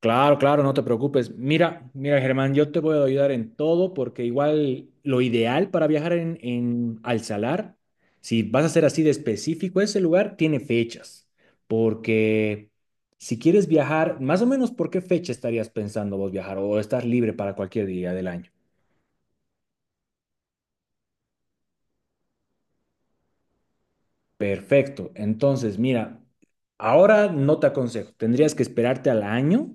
Claro, claro, no te preocupes. Mira, mira, Germán, yo te voy a ayudar en todo porque igual lo ideal para viajar en al Salar, si vas a ser así de específico, ese lugar tiene fechas. Porque si quieres viajar, más o menos, ¿por qué fecha estarías pensando vos viajar o estar libre para cualquier día del año? Perfecto. Entonces, mira, ahora no te aconsejo. Tendrías que esperarte al año.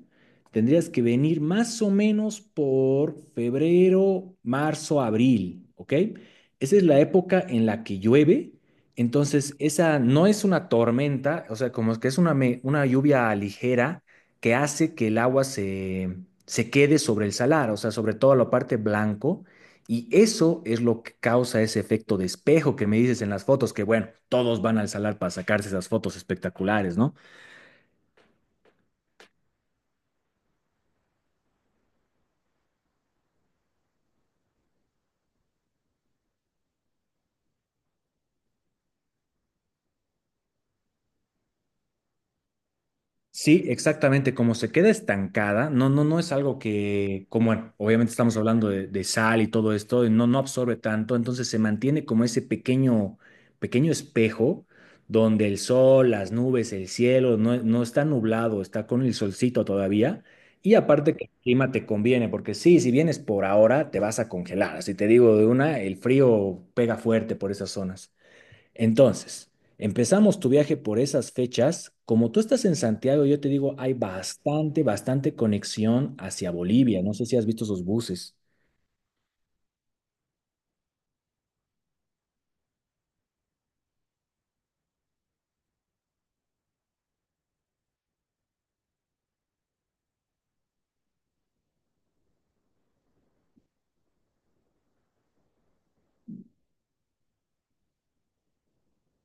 Tendrías que venir más o menos por febrero, marzo, abril, ¿ok? Esa es la época en la que llueve. Entonces, esa no es una tormenta, o sea, como que es una, una lluvia ligera que hace que el se quede sobre el salar, o sea, sobre toda la parte blanco. Y eso es lo que causa ese efecto de espejo que me dices en las fotos, que bueno, todos van al salar para sacarse esas fotos espectaculares, ¿no? Sí, exactamente, como se queda estancada, no, no es algo que, como bueno, obviamente estamos hablando de sal y todo esto, y no, no absorbe tanto, entonces se mantiene como ese pequeño espejo donde el sol, las nubes, el cielo, no está nublado, está con el solcito todavía, y aparte que el clima te conviene, porque sí, si vienes por ahora, te vas a congelar, así te digo de una, el frío pega fuerte por esas zonas. Entonces, empezamos tu viaje por esas fechas. Como tú estás en Santiago, yo te digo, hay bastante conexión hacia Bolivia. No sé si has visto esos buses.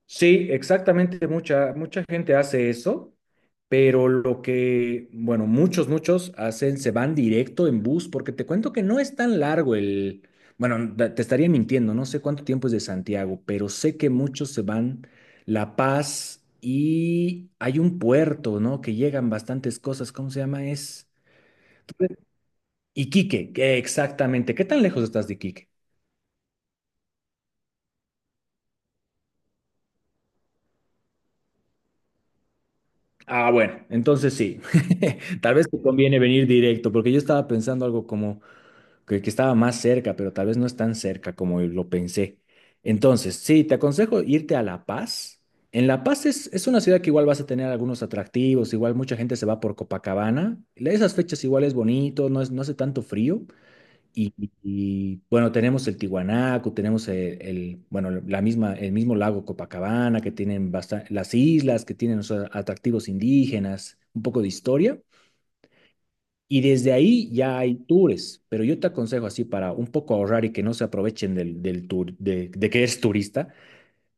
Sí, exactamente, mucha gente hace eso, pero lo que, bueno, muchos hacen, se van directo en bus, porque te cuento que no es tan largo el, bueno, te estaría mintiendo, no sé cuánto tiempo es de Santiago, pero sé que muchos se van La Paz y hay un puerto, ¿no? Que llegan bastantes cosas, ¿cómo se llama? Es Iquique, que exactamente. ¿Qué tan lejos estás de Iquique? Ah, bueno, entonces sí. Tal vez te conviene venir directo, porque yo estaba pensando algo como que estaba más cerca, pero tal vez no es tan cerca como lo pensé. Entonces, sí, te aconsejo irte a La Paz. En La Paz es una ciudad que igual vas a tener algunos atractivos, igual mucha gente se va por Copacabana. Esas fechas igual es bonito, no, es, no hace tanto frío. Bueno, tenemos el Tiwanaku, tenemos bueno, la misma, el mismo lago Copacabana, que tienen las islas, que tienen o sea, atractivos indígenas, un poco de historia. Y desde ahí ya hay tours, pero yo te aconsejo así para un poco ahorrar y que no se aprovechen del tour, de que eres turista,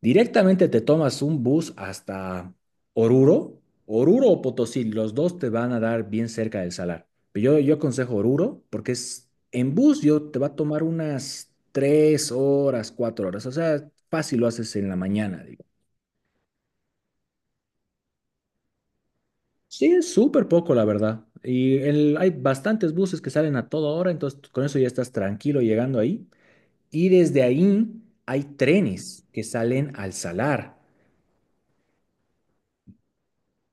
directamente te tomas un bus hasta Oruro, Oruro o Potosí, los dos te van a dar bien cerca del salar. Pero yo aconsejo Oruro porque es en bus yo te va a tomar unas tres horas, cuatro horas, o sea, fácil lo haces en la mañana, digo. Sí, es súper poco, la verdad. Y hay bastantes buses que salen a toda hora, entonces con eso ya estás tranquilo llegando ahí. Y desde ahí hay trenes que salen al salar.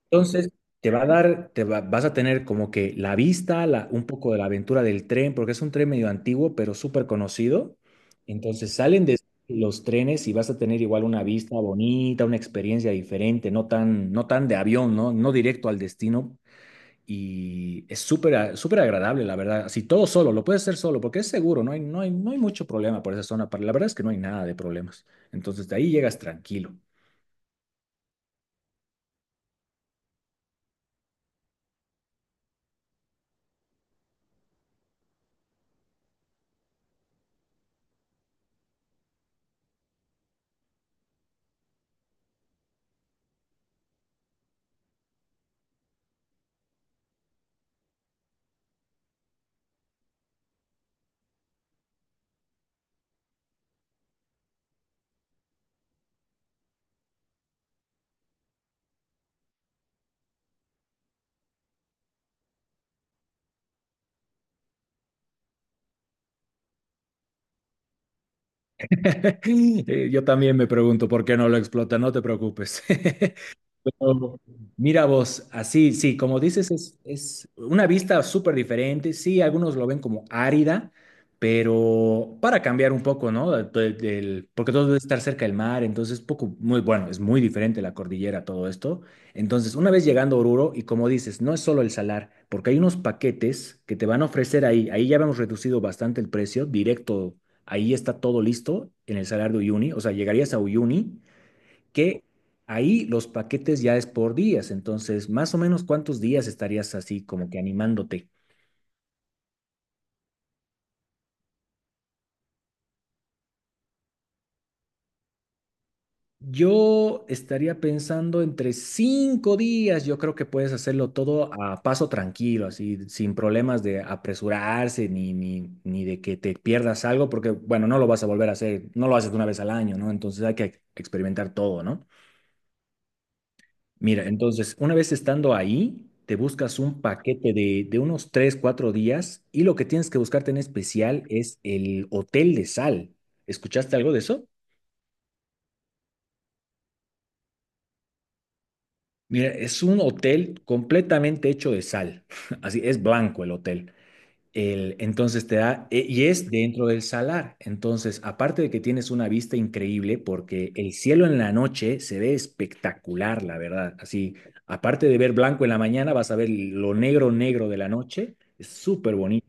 Entonces, te va a dar, te va- vas a tener como que la vista, un poco de la aventura del tren, porque es un tren medio antiguo, pero súper conocido. Entonces, salen de los trenes y vas a tener igual una vista bonita, una experiencia diferente, no tan, no tan de avión, ¿no? No directo al destino, y es súper agradable, la verdad. Así todo solo, lo puedes hacer solo porque es seguro, no hay mucho problema por esa zona. La verdad es que no hay nada de problemas. Entonces de ahí llegas tranquilo. Yo también me pregunto por qué no lo explota, no te preocupes. Mira vos, así, sí, como dices, es una vista súper diferente. Sí, algunos lo ven como árida, pero para cambiar un poco, ¿no? Porque todo debe estar cerca del mar, entonces poco, muy bueno, es muy diferente la cordillera, todo esto. Entonces, una vez llegando a Oruro, y como dices, no es solo el salar, porque hay unos paquetes que te van a ofrecer ahí. Ahí ya hemos reducido bastante el precio, directo, ahí está todo listo en el salar de Uyuni, o sea, llegarías a Uyuni que ahí los paquetes ya es por días, entonces más o menos cuántos días estarías así como que animándote. Yo estaría pensando entre cinco días, yo creo que puedes hacerlo todo a paso tranquilo, así, sin problemas de apresurarse ni de que te pierdas algo, porque bueno, no lo vas a volver a hacer, no lo haces una vez al año, ¿no? Entonces hay que experimentar todo, ¿no? Mira, entonces, una vez estando ahí, te buscas un paquete de unos 3 4 días y lo que tienes que buscarte en especial es el Hotel de Sal. ¿Escuchaste algo de eso? Mira, es un hotel completamente hecho de sal. Así es blanco el hotel. Entonces y es dentro del salar. Entonces, aparte de que tienes una vista increíble, porque el cielo en la noche se ve espectacular, la verdad. Así, aparte de ver blanco en la mañana, vas a ver lo negro, negro de la noche. Es súper bonito.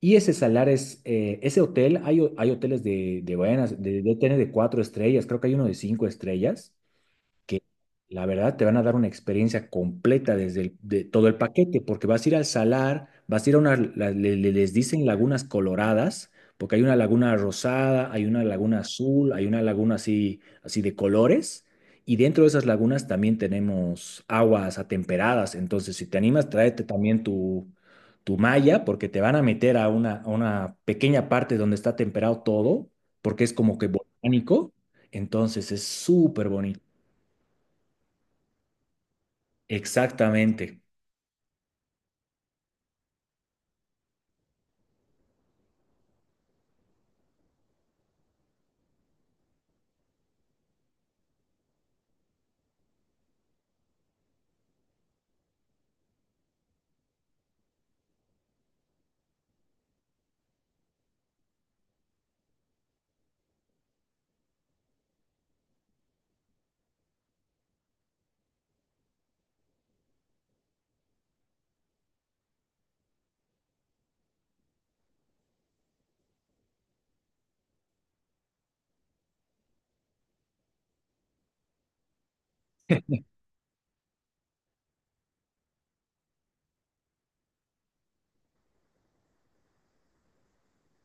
Y ese salar es, ese hotel, hay hoteles de hoteles de cuatro estrellas, creo que hay uno de cinco estrellas que la verdad te van a dar una experiencia completa desde de todo el paquete, porque vas a ir al salar, vas a ir a una, les dicen lagunas coloradas, porque hay una laguna rosada, hay una laguna azul, hay una laguna así, así de colores, y dentro de esas lagunas también tenemos aguas atemperadas, entonces si te animas, tráete también tu... tu malla, porque te van a meter a una pequeña parte donde está temperado todo, porque es como que volcánico, entonces es súper bonito. Exactamente,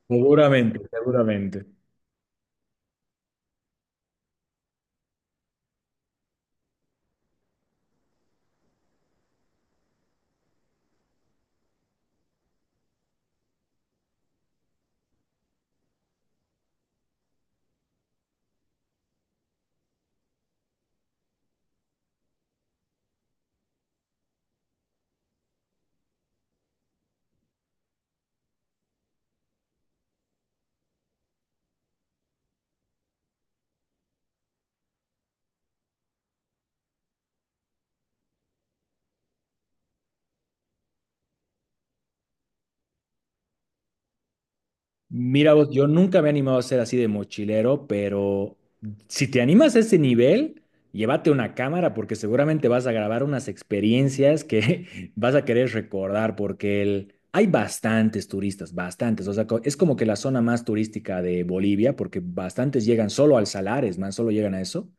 seguramente, seguramente. Mira vos, yo nunca me he animado a ser así de mochilero, pero si te animas a ese nivel, llévate una cámara porque seguramente vas a grabar unas experiencias que vas a querer recordar porque el... hay bastantes turistas, bastantes. O sea, es como que la zona más turística de Bolivia porque bastantes llegan solo al Salares, man, solo llegan a eso.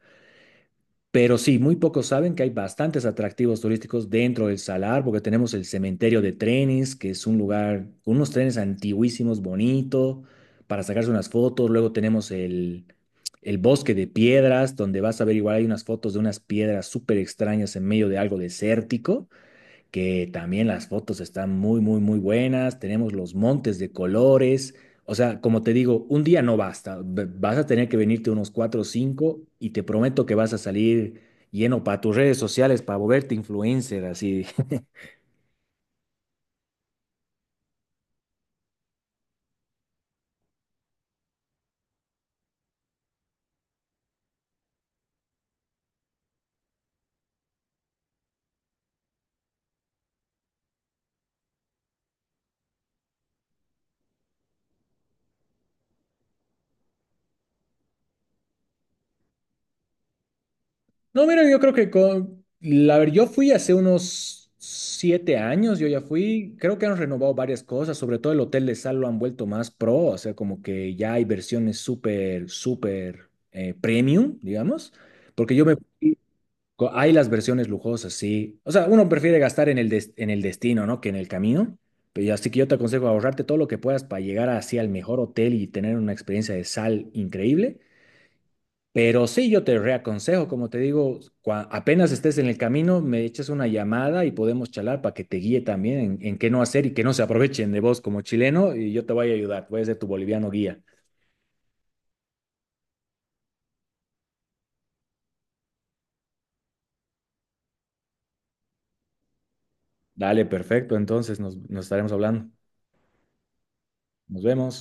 Pero sí, muy pocos saben que hay bastantes atractivos turísticos dentro del Salar, porque tenemos el cementerio de trenes, que es un lugar con unos trenes antiguísimos, bonito, para sacarse unas fotos. Luego tenemos el bosque de piedras, donde vas a ver igual hay unas fotos de unas piedras súper extrañas en medio de algo desértico que también las fotos están muy buenas, tenemos los montes de colores. O sea, como te digo, un día no basta, vas a tener que venirte unos cuatro o cinco y te prometo que vas a salir lleno para tus redes sociales, para volverte influencer, así. No, mira, yo creo que con... La ver, yo fui hace unos siete años, yo ya fui, creo que han renovado varias cosas, sobre todo el hotel de sal lo han vuelto más pro, o sea, como que ya hay versiones súper premium, digamos, porque yo me... fui co- Hay las versiones lujosas, sí. O sea, uno prefiere gastar en en el destino, ¿no? Que en el camino. Pero así que yo te aconsejo ahorrarte todo lo que puedas para llegar así al mejor hotel y tener una experiencia de sal increíble. Pero sí, yo te reaconsejo, como te digo, apenas estés en el camino, me echas una llamada y podemos charlar para que te guíe también en qué no hacer y que no se aprovechen de vos como chileno y yo te voy a ayudar, voy a ser tu boliviano guía. Dale, perfecto, entonces nos estaremos hablando. Nos vemos.